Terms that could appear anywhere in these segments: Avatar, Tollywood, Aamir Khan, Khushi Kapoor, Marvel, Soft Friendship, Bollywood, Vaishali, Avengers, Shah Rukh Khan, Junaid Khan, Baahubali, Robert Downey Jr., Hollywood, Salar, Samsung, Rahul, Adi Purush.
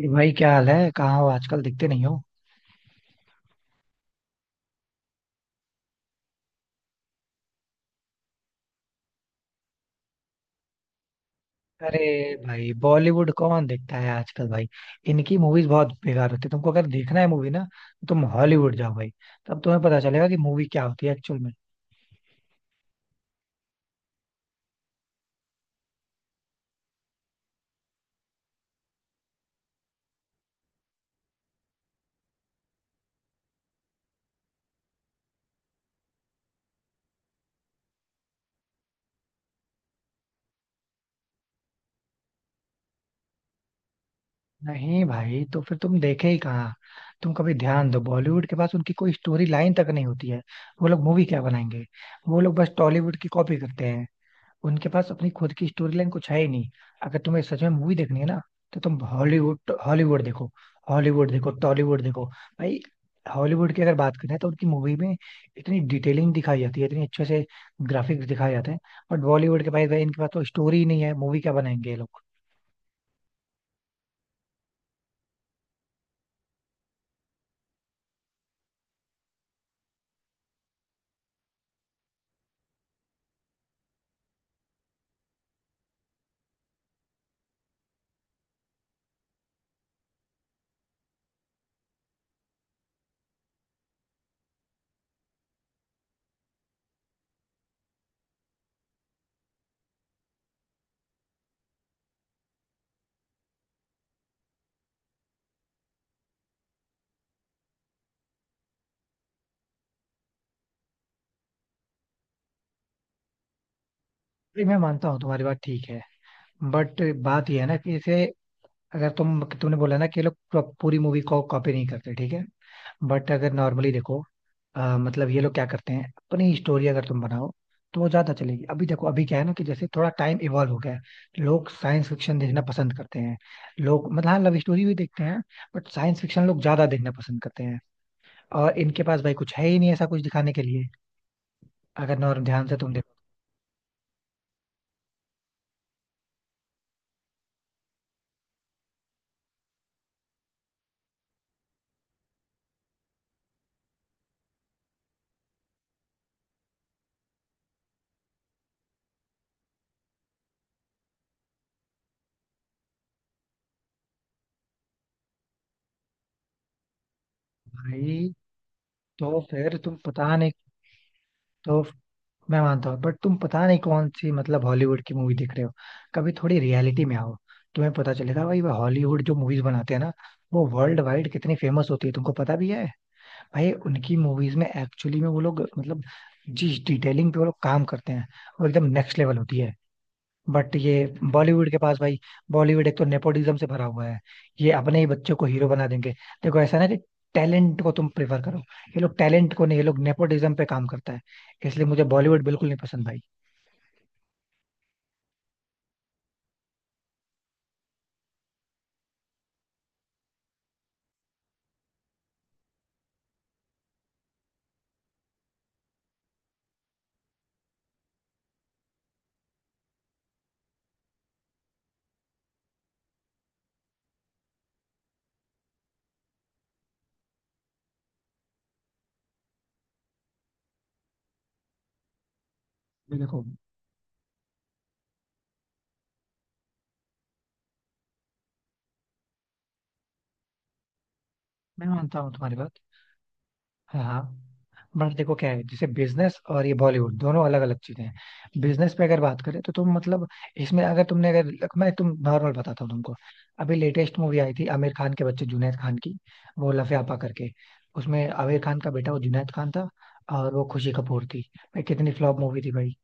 ये भाई, क्या हाल है? कहाँ हो? आजकल दिखते नहीं हो। अरे भाई, बॉलीवुड कौन देखता है आजकल भाई! इनकी मूवीज बहुत बेकार होती है। तुमको अगर देखना है मूवी ना, तो तुम हॉलीवुड जाओ भाई। तब तुम्हें पता चलेगा कि मूवी क्या होती है एक्चुअल में। नहीं भाई, तो फिर तुम देखे ही कहाँ? तुम कभी ध्यान दो, बॉलीवुड के पास उनकी कोई स्टोरी लाइन तक नहीं होती है। वो लोग मूवी क्या बनाएंगे? वो लोग बस टॉलीवुड की कॉपी करते हैं। उनके पास अपनी खुद की स्टोरी लाइन कुछ है ही नहीं। अगर तुम्हें सच में मूवी देखनी है ना, तो तुम हॉलीवुड हॉलीवुड देखो। हॉलीवुड देखो, टॉलीवुड देखो भाई। हॉलीवुड की अगर बात करें तो उनकी मूवी में इतनी डिटेलिंग दिखाई जाती है, इतनी अच्छे से ग्राफिक्स दिखाए जाते हैं। बट बॉलीवुड के भाई भाई, इनके पास तो स्टोरी ही नहीं है, मूवी क्या बनाएंगे ये लोग? भाई मैं मानता हूँ तुम्हारी बात ठीक है। बट बात यह है ना कि जैसे, अगर तुमने बोला ना कि ये लोग पूरी मूवी को कॉपी नहीं करते, ठीक है। बट अगर नॉर्मली देखो, मतलब ये लोग क्या करते हैं, अपनी स्टोरी अगर तुम बनाओ, तो वो ज्यादा चलेगी। अभी देखो, अभी क्या है ना कि जैसे थोड़ा टाइम इवॉल्व हो गया है, लोग साइंस फिक्शन देखना पसंद करते हैं। लोग मतलब, हाँ, लव स्टोरी भी देखते हैं। बट साइंस फिक्शन लोग ज्यादा देखना पसंद करते हैं। और इनके पास भाई कुछ है ही नहीं ऐसा कुछ दिखाने के लिए। अगर नॉर्म ध्यान से तुम देखो। भाई तो फिर तुम पता नहीं। तो मैं मानता हूँ बट तुम पता नहीं कौन सी, मतलब हॉलीवुड की मूवी देख रहे हो। कभी थोड़ी रियलिटी में आओ। तुम्हें पता चलेगा भाई, हॉलीवुड जो मूवीज बनाते हैं ना, वो वर्ल्ड वाइड कितनी फेमस होती है, तुमको पता भी है? भाई उनकी मूवीज में एक्चुअली में वो लोग मतलब, जिस डिटेलिंग पे वो लोग काम करते हैं, वो एकदम नेक्स्ट लेवल होती है। बट ये बॉलीवुड के पास भाई, बॉलीवुड एक तो नेपोटिज्म से भरा हुआ है। ये अपने ही बच्चों को हीरो बना देंगे। देखो ऐसा ना कि टैलेंट को तुम प्रेफर करो। ये लोग टैलेंट को नहीं, ये लोग नेपोटिज्म पे काम करता है। इसलिए मुझे बॉलीवुड बिल्कुल नहीं पसंद भाई। ये देखो, मैं मानता हूँ तुम्हारी बात। हाँ, हाँ। बट देखो क्या है, जैसे बिजनेस और ये बॉलीवुड दोनों अलग अलग चीजें हैं। बिजनेस पे अगर बात करें तो तुम मतलब इसमें अगर तुमने अगर, मैं तुम नॉर्मल बताता हूँ तुमको। अभी लेटेस्ट मूवी आई थी आमिर खान के बच्चे जुनैद खान की। वो लफ यापा करके, उसमें आमिर खान का बेटा वो जुनैद खान था, और वो खुशी कपूर थी। भाई कितनी फ्लॉप मूवी थी भाई!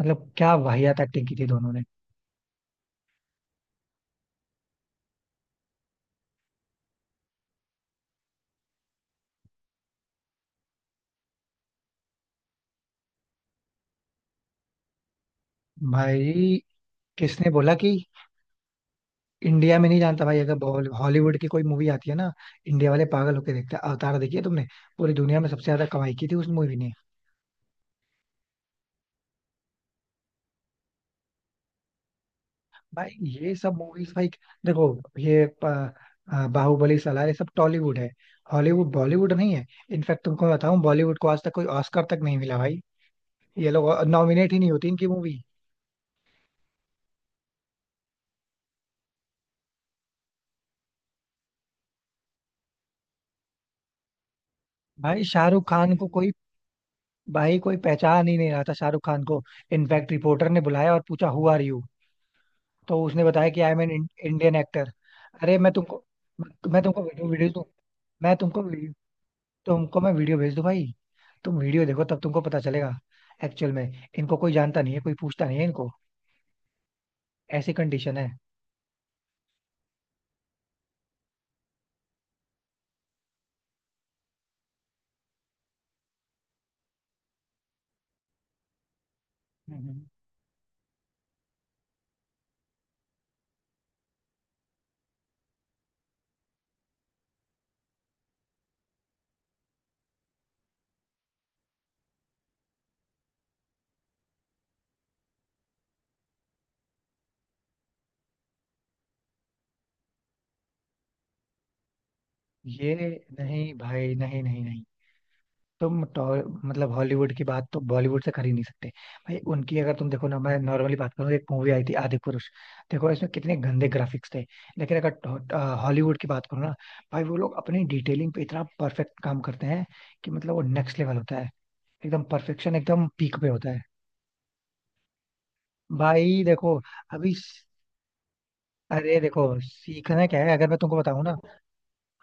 मतलब क्या वाहियात एक्टिंग की थी दोनों ने! भाई किसने बोला कि इंडिया में नहीं जानता? भाई अगर हॉलीवुड की कोई मूवी आती है ना, इंडिया वाले पागल होके देखते हैं। अवतार देखी है तुमने? पूरी दुनिया में सबसे ज्यादा कमाई की थी उस मूवी ने। भाई ये सब मूवीज भाई, देखो ये बाहुबली, सलार, ये सब टॉलीवुड है, हॉलीवुड बॉलीवुड नहीं है। इनफैक्ट तुमको मैं बताऊं, बॉलीवुड को आज तक कोई ऑस्कर तक नहीं मिला भाई। ये लोग नॉमिनेट ही नहीं होती इनकी मूवी। भाई शाहरुख खान को कोई, भाई कोई पहचान ही नहीं रहा था शाहरुख खान को। इनफैक्ट रिपोर्टर ने बुलाया और पूछा हु आर यू, तो उसने बताया कि I am an Indian actor. अरे मैं तुमको वीडियो वीडियो दूँ। मैं तुमको वीडियो, तुमको मैं वीडियो भेज दूँ भाई। तुम वीडियो देखो तब तुमको पता चलेगा। एक्चुअल में इनको कोई जानता नहीं है, कोई पूछता नहीं है इनको, ऐसी कंडीशन है। हम्म, हम्म। ये, नहीं भाई, नहीं, नहीं, नहीं, तुम मतलब हॉलीवुड की बात तो बॉलीवुड से कर ही नहीं सकते। भाई उनकी अगर तुम देखो ना, मैं नॉर्मली बात करूँ, एक मूवी आई थी आदि पुरुष। देखो इसमें कितने गंदे ग्राफिक्स थे। लेकिन अगर हॉलीवुड की बात करूँ ना, भाई वो लोग अपनी डिटेलिंग पे इतना परफेक्ट काम करते हैं कि मतलब वो नेक्स्ट लेवल होता है। एकदम परफेक्शन, एकदम पीक पे होता है। भाई देखो अभी अरे देखो सीखना क्या है? अगर मैं तुमको बताऊं ना।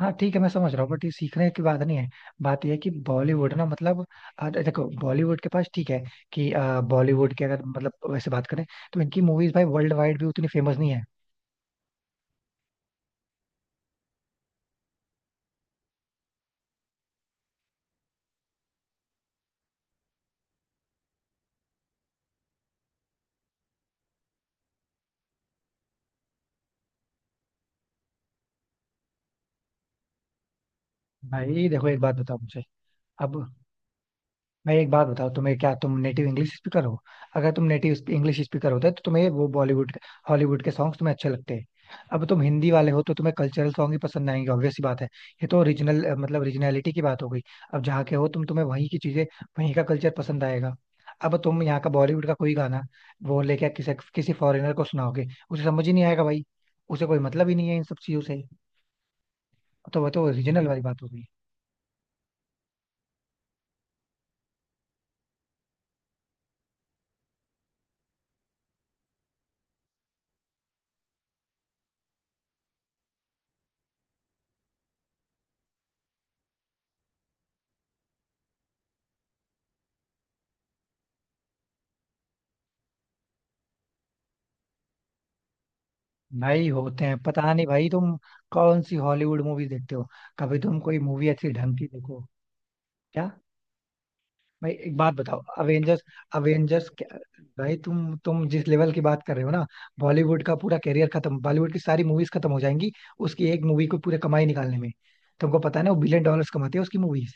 हाँ ठीक है, मैं समझ रहा हूँ बट ये सीखने की बात नहीं है। बात ये है कि बॉलीवुड ना मतलब देखो बॉलीवुड के पास ठीक है कि बॉलीवुड के अगर मतलब वैसे बात करें तो इनकी मूवीज भाई वर्ल्ड वाइड भी उतनी फेमस नहीं है। भाई देखो, एक बात बताओ मुझे। अब मैं एक बात बताओ तुम्हें, क्या तुम नेटिव इंग्लिश स्पीकर हो? अगर तुम नेटिव इंग्लिश स्पीकर होते तो तुम्हें वो बॉलीवुड हॉलीवुड के सॉन्ग्स तुम्हें अच्छे लगते। अब तुम हिंदी वाले हो तो तुम्हें कल्चरल सॉन्ग ही पसंद आएंगे, ऑब्वियस सी बात है। ये तो ओरिजिनल मतलब ओरिजिनलिटी की बात हो गई। अब जहाँ के हो तुम, तुम्हें वहीं की चीजें, वहीं का कल्चर पसंद आएगा। अब तुम यहाँ का बॉलीवुड का कोई गाना वो लेके किसी किसी फॉरेनर को सुनाओगे, उसे समझ ही नहीं आएगा भाई। उसे कोई मतलब ही नहीं है इन सब चीजों से। तो वो तो ओरिजिनल वाली बात हो गई। भाई होते हैं, पता नहीं भाई तुम कौन सी हॉलीवुड मूवी देखते हो। कभी तुम कोई मूवी अच्छी ढंग की देखो। क्या? भाई एक बात बताओ, अवेंजर्स, अवेंजर्स भाई, तुम जिस लेवल की बात कर रहे हो ना, बॉलीवुड का पूरा कैरियर खत्म, बॉलीवुड की सारी मूवीज खत्म हो जाएंगी उसकी एक मूवी को पूरे कमाई निकालने में। तुमको पता है ना, वो बिलियन डॉलर्स कमाती है उसकी मूवीज।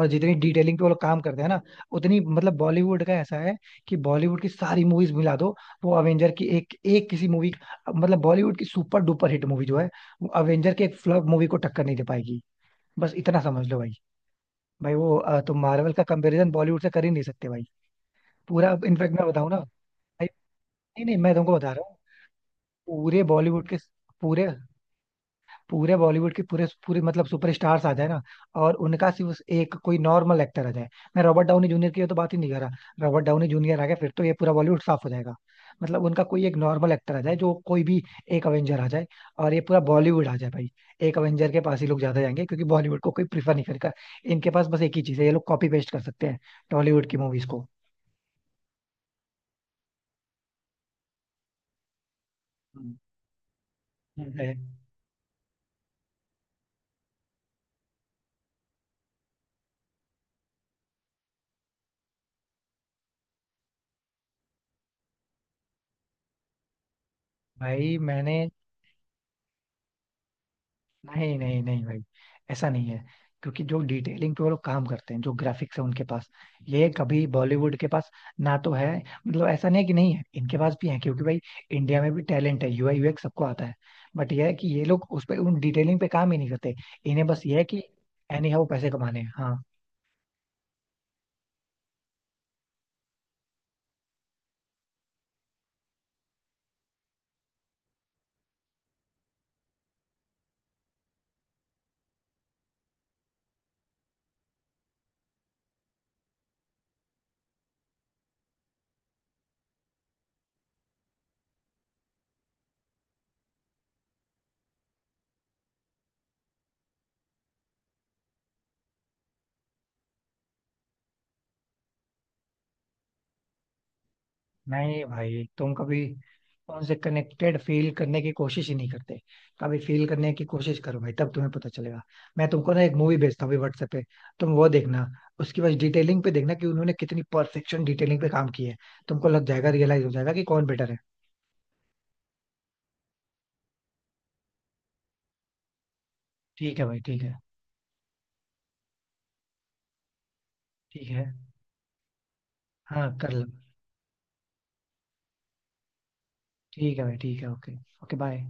और जितनी डिटेलिंग पे वो लोग काम करते हैं ना, उतनी मतलब बॉलीवुड का ऐसा है कि बॉलीवुड की सारी मूवीज मिला दो, वो अवेंजर की एक एक किसी मूवी, मतलब बॉलीवुड की सुपर डुपर हिट मूवी जो है, वो अवेंजर के एक फ्लॉप मूवी को टक्कर नहीं दे पाएगी। बस इतना समझ लो भाई। भाई वो तुम मार्वल का कंपैरिजन बॉलीवुड से कर ही नहीं सकते भाई। पूरा इनफेक्ट मैं बताऊं ना। भाई, नहीं, नहीं, मैं तुमको बता रहा हूँ। पूरे बॉलीवुड के पूरे पूरे बॉलीवुड के पूरे पूरे मतलब सुपरस्टार्स आ जाए ना। और उनका सिर्फ एक कोई नॉर्मल एक्टर आ जाए। मैं रॉबर्ट डाउनी जूनियर की तो बात ही नहीं कर रहा। रॉबर्ट डाउनी जूनियर आ गया फिर तो ये पूरा बॉलीवुड साफ हो जाएगा। मतलब उनका कोई एक नॉर्मल एक्टर आ जाए जो कोई भी, एक अवेंजर आ जाए और ये पूरा बॉलीवुड आ जाए भाई। एक अवेंजर के पास ही लोग ज्यादा जाएंगे क्योंकि बॉलीवुड को कोई प्रीफर नहीं करेगा। इनके पास बस एक ही चीज है, ये लोग कॉपी पेस्ट कर सकते हैं टॉलीवुड की मूवीज को। हम्म, है। भाई मैंने, नहीं, नहीं, नहीं भाई, ऐसा नहीं है। क्योंकि जो डिटेलिंग पे वो लोग काम करते हैं, जो ग्राफिक्स है उनके पास, ये कभी बॉलीवुड के पास ना तो है। मतलब ऐसा नहीं है कि नहीं है, इनके पास भी है क्योंकि भाई इंडिया में भी टैलेंट है, यूआई यूएक्स सबको आता है। बट ये है कि ये लोग उस पे उन डिटेलिंग पे काम ही नहीं करते। इन्हें बस ये है कि एनी हाउ पैसे कमाने हैं। हाँ, नहीं भाई, तुम कभी उनसे कनेक्टेड फील करने की कोशिश ही नहीं करते। कभी फील करने की कोशिश करो भाई, तब तुम्हें पता चलेगा। मैं तुमको ना एक मूवी भेजता हूँ अभी व्हाट्सएप पे, तुम वो देखना। उसकी बस डिटेलिंग पे देखना कि उन्होंने कितनी परफेक्शन डिटेलिंग पे काम की है। तुमको लग जाएगा, रियलाइज हो जाएगा कि कौन बेटर है। ठीक है भाई, ठीक है। ठीक है, हाँ कर लो। ठीक है भाई, ठीक है, ओके। Okay bye.